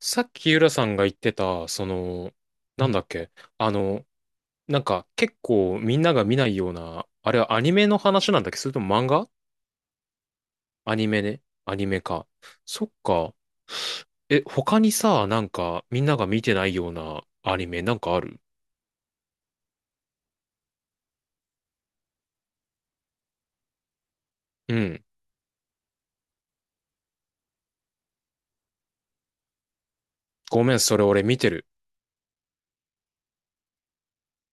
さっき浦さんが言ってた、なんだっけ、あの、なんか結構みんなが見ないような、あれはアニメの話なんだっけ、それとも漫画？アニメね。アニメか。そっか。え、他にさ、なんかみんなが見てないようなアニメなんかある？うん。ごめん、それ俺見てる。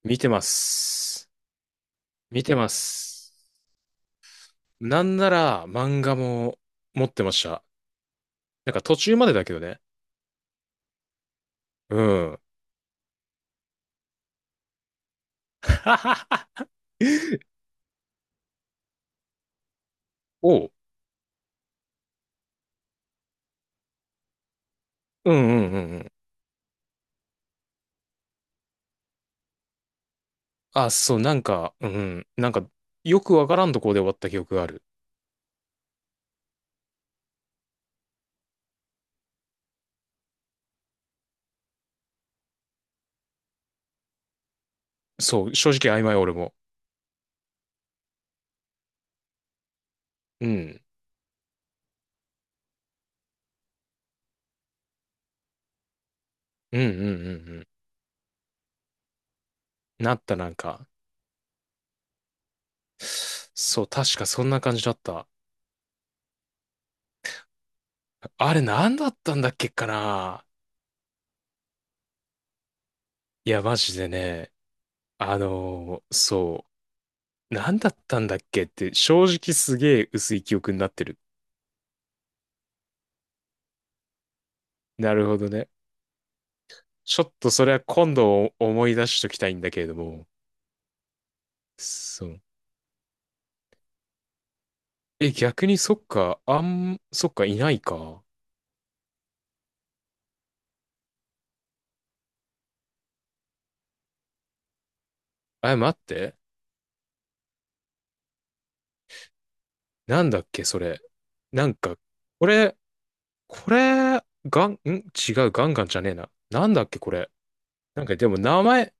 見てます。見てます。なんなら漫画も持ってました。なんか途中までだけどね。うん。おう。うんうんうんうん。あ、そう、なんか、うんうん。なんか、よくわからんとこで終わった記憶がある。そう、正直曖昧俺も。うん。うんうんうんうん。なった、なんか。そう、確かそんな感じだった。あれ何だったんだっけかな。いや、マジでね。そう。何だったんだっけって、正直すげえ薄い記憶になってる。なるほどね。ちょっとそれは今度思い出しときたいんだけれども。そう。え、逆にそっか、あん、そっか、いないか。え、待って。なんだっけ、それ。なんか、これ、これ、ガン、ん違う、ガンガンじゃねえな。なんだっけ、これ。なんか、でも、名前、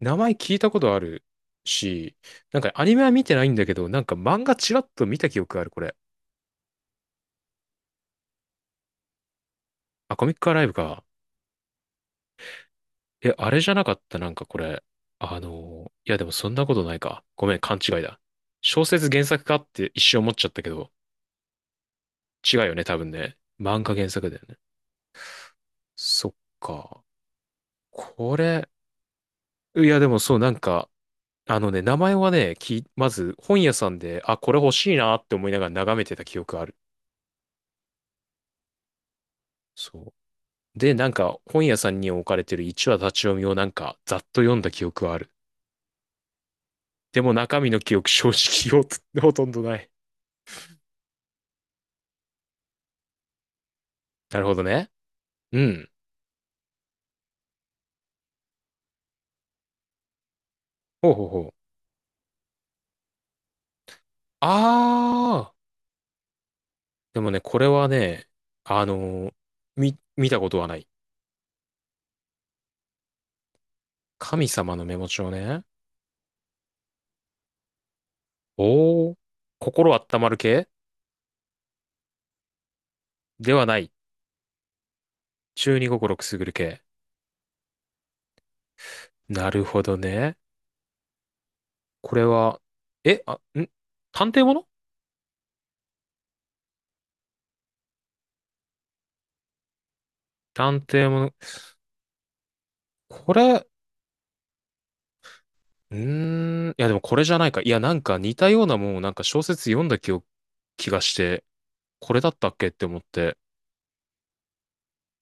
名前聞いたことあるし、なんか、アニメは見てないんだけど、なんか、漫画ちらっと見た記憶がある、これ。あ、コミックアライブか。え、あれじゃなかった、なんか、これ。いや、でも、そんなことないか。ごめん、勘違いだ。小説原作かって一瞬思っちゃったけど、違うよね、多分ね。漫画原作だよね。そっか。これ、いやでもそう、なんか、あのね、名前はね、まず本屋さんで、あ、これ欲しいなって思いながら眺めてた記憶ある。そう。で、なんか本屋さんに置かれてる一話立ち読みをなんかざっと読んだ記憶はある。でも中身の記憶正直よ、ほとんどない。なるほどね。うん。ほうほうほう。あー。でもね、これはね、あのーみ、見たことはない。神様のメモ帳ね。おー、心温まる系ではない。中二心くすぐる系。なるほどね。これは、え、あ、ん、探偵もの。探偵もの。これ、うーん、いやでもこれじゃないか。いやなんか似たようなもんをなんか小説読んだ記憶、気がして、これだったっけって思って、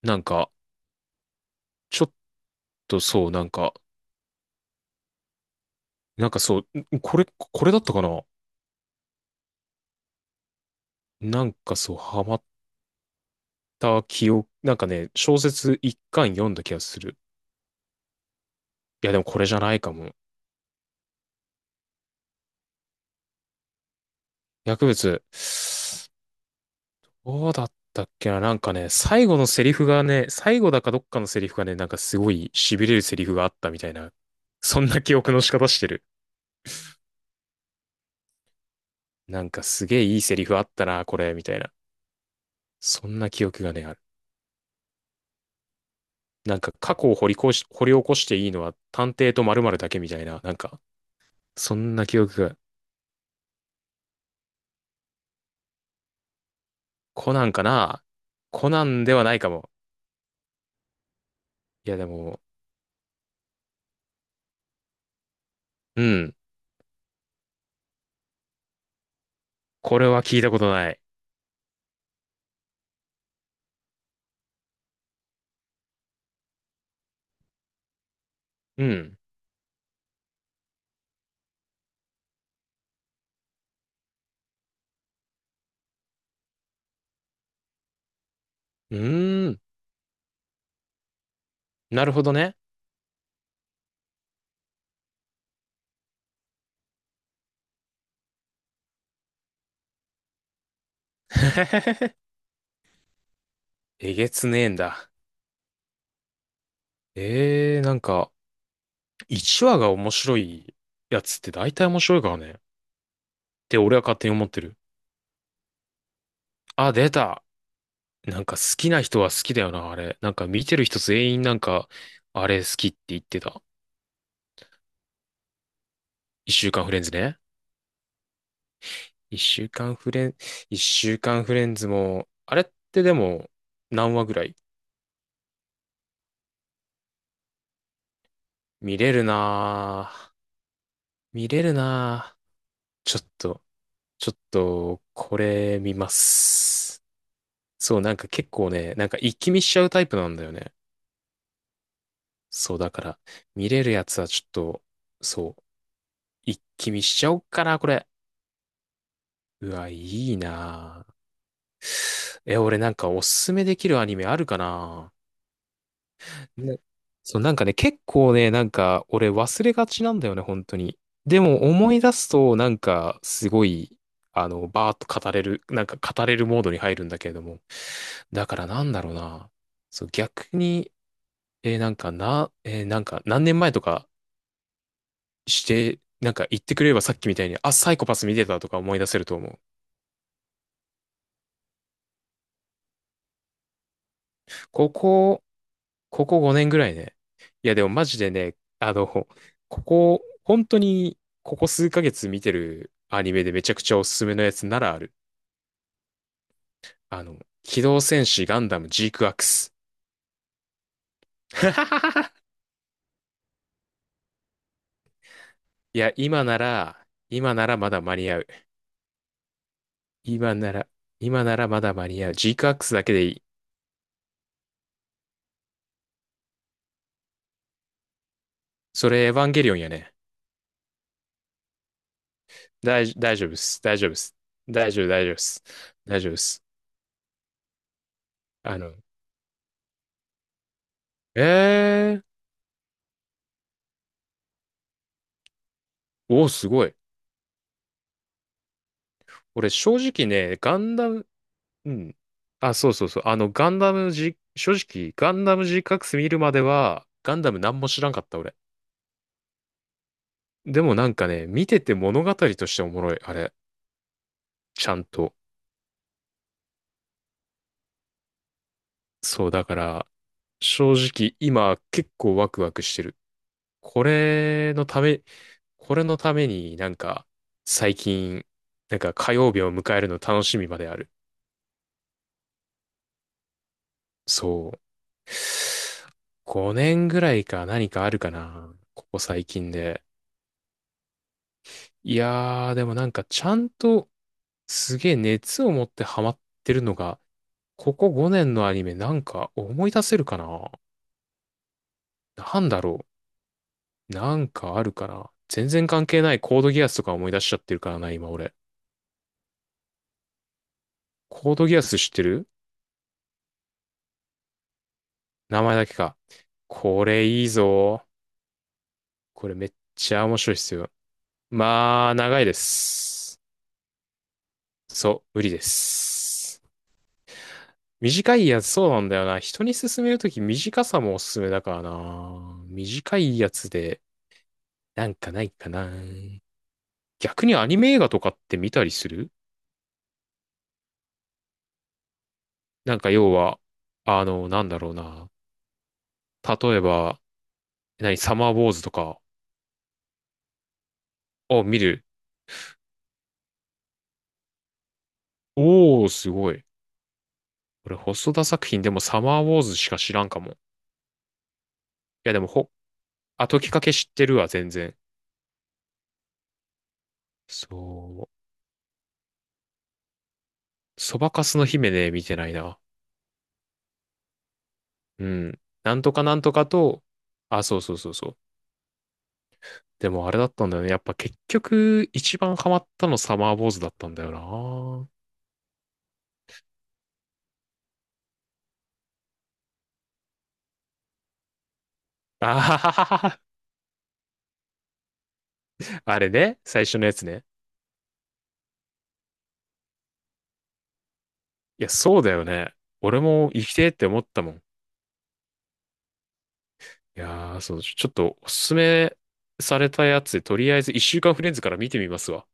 なんか、ちょっとそう、なんか、なんかそう、ん、これ、これだったかな。なんかそう、ハマった記憶、なんかね、小説一巻読んだ気がする。いやでもこれじゃないかも。薬物。どうだったっけな。なんかね、最後のセリフがね、最後だかどっかのセリフがね、なんかすごい痺れるセリフがあったみたいな。そんな記憶の仕方してる。なんかすげえいいセリフあったな、これ、みたいな。そんな記憶がね、ある。なんか過去を掘り起こしていいのは探偵と〇〇だけみたいな。なんか、そんな記憶が。コナンかな。コナンではないかも。いやでも、うん。これは聞いたことない。うん。うーん。なるほどね。えげつねえんだ。ええー、なんか、1話が面白いやつって大体面白いからね。って俺は勝手に思ってる。あ、出た。なんか好きな人は好きだよな、あれ。なんか見てる人全員なんか、あれ好きって言ってた。一週間フレンズね。一週間フレン、一週間フレンズも、あれってでも、何話ぐらい見れるなぁ。見れるなぁ。ちょっと、ちょっと、これ見ます。そう、なんか結構ね、なんか一気見しちゃうタイプなんだよね。そう、だから、見れるやつはちょっと、そう、一気見しちゃおっかな、これ。うわ、いいなぁ。え、俺なんかおすすめできるアニメあるかなぁね。そう、なんかね、結構ね、なんか俺忘れがちなんだよね、本当に。でも思い出すと、なんかすごい、バーッと語れる、なんか語れるモードに入るんだけれども。だからなんだろうな。そう、逆に、なんかな、なんか何年前とかして、なんか言ってくれればさっきみたいに、あ、サイコパス見てたとか思い出せると思う。ここ、ここ5年ぐらいね。いやでもマジでね、ここ、本当に、ここ数ヶ月見てるアニメでめちゃくちゃおすすめのやつならある。あの、機動戦士ガンダムジークアクス。いや、今なら、今ならまだ間に合う。今なら、今ならまだ間に合う。ジークアクスだけでいい。それエヴァンゲリオンやね。大丈夫です。大丈夫です。大丈夫、大丈夫です。大丈夫です。あの、えー、おー、すごい。俺、正直ね、ガンダム、うん。あ、そうそうそう。あの、ガンダムじ、正直、ガンダム g c クス見るまでは、ガンダム何も知らんかった、俺。でもなんかね、見てて物語としておもろい、あれ。ちゃんと。そう、だから、正直、今、結構ワクワクしてる。これのため、これのためになんか、最近、なんか火曜日を迎えるの楽しみまである。そう。5年ぐらいか何かあるかな。ここ最近で。いやー、でもなんかちゃんとすげえ熱を持ってハマってるのが、ここ5年のアニメなんか思い出せるかな。なんだろう。なんかあるかな。全然関係ないコードギアスとか思い出しちゃってるからな、今俺。コードギアス知ってる？名前だけか。これいいぞ。これめっちゃ面白いっすよ。まあ、長いです。そう、無理です。短いやつ、そうなんだよな。人に勧めるとき短さもおすすめだからな。短いやつで、なんかないかな。逆にアニメ映画とかって見たりする？なんか要は、なんだろうな。例えば、何、サマーウォーズとかを見る。おー、すごい。俺、細田作品でもサマーウォーズしか知らんかも。いや、でも、あ、時かけ知ってるわ、全然。そう。そばかすの姫ね、見てないな。うん。なんとかなんとかと、あ、そうそうそうそう。でもあれだったんだよね。やっぱ結局、一番ハマったのサマーボーズだったんだよな。あはははは。あれね、最初のやつね。いや、そうだよね。俺も生きてえって思ったもん。いやー、そう、ちょっとおすすめされたやつ、とりあえず一週間フレンズから見てみますわ。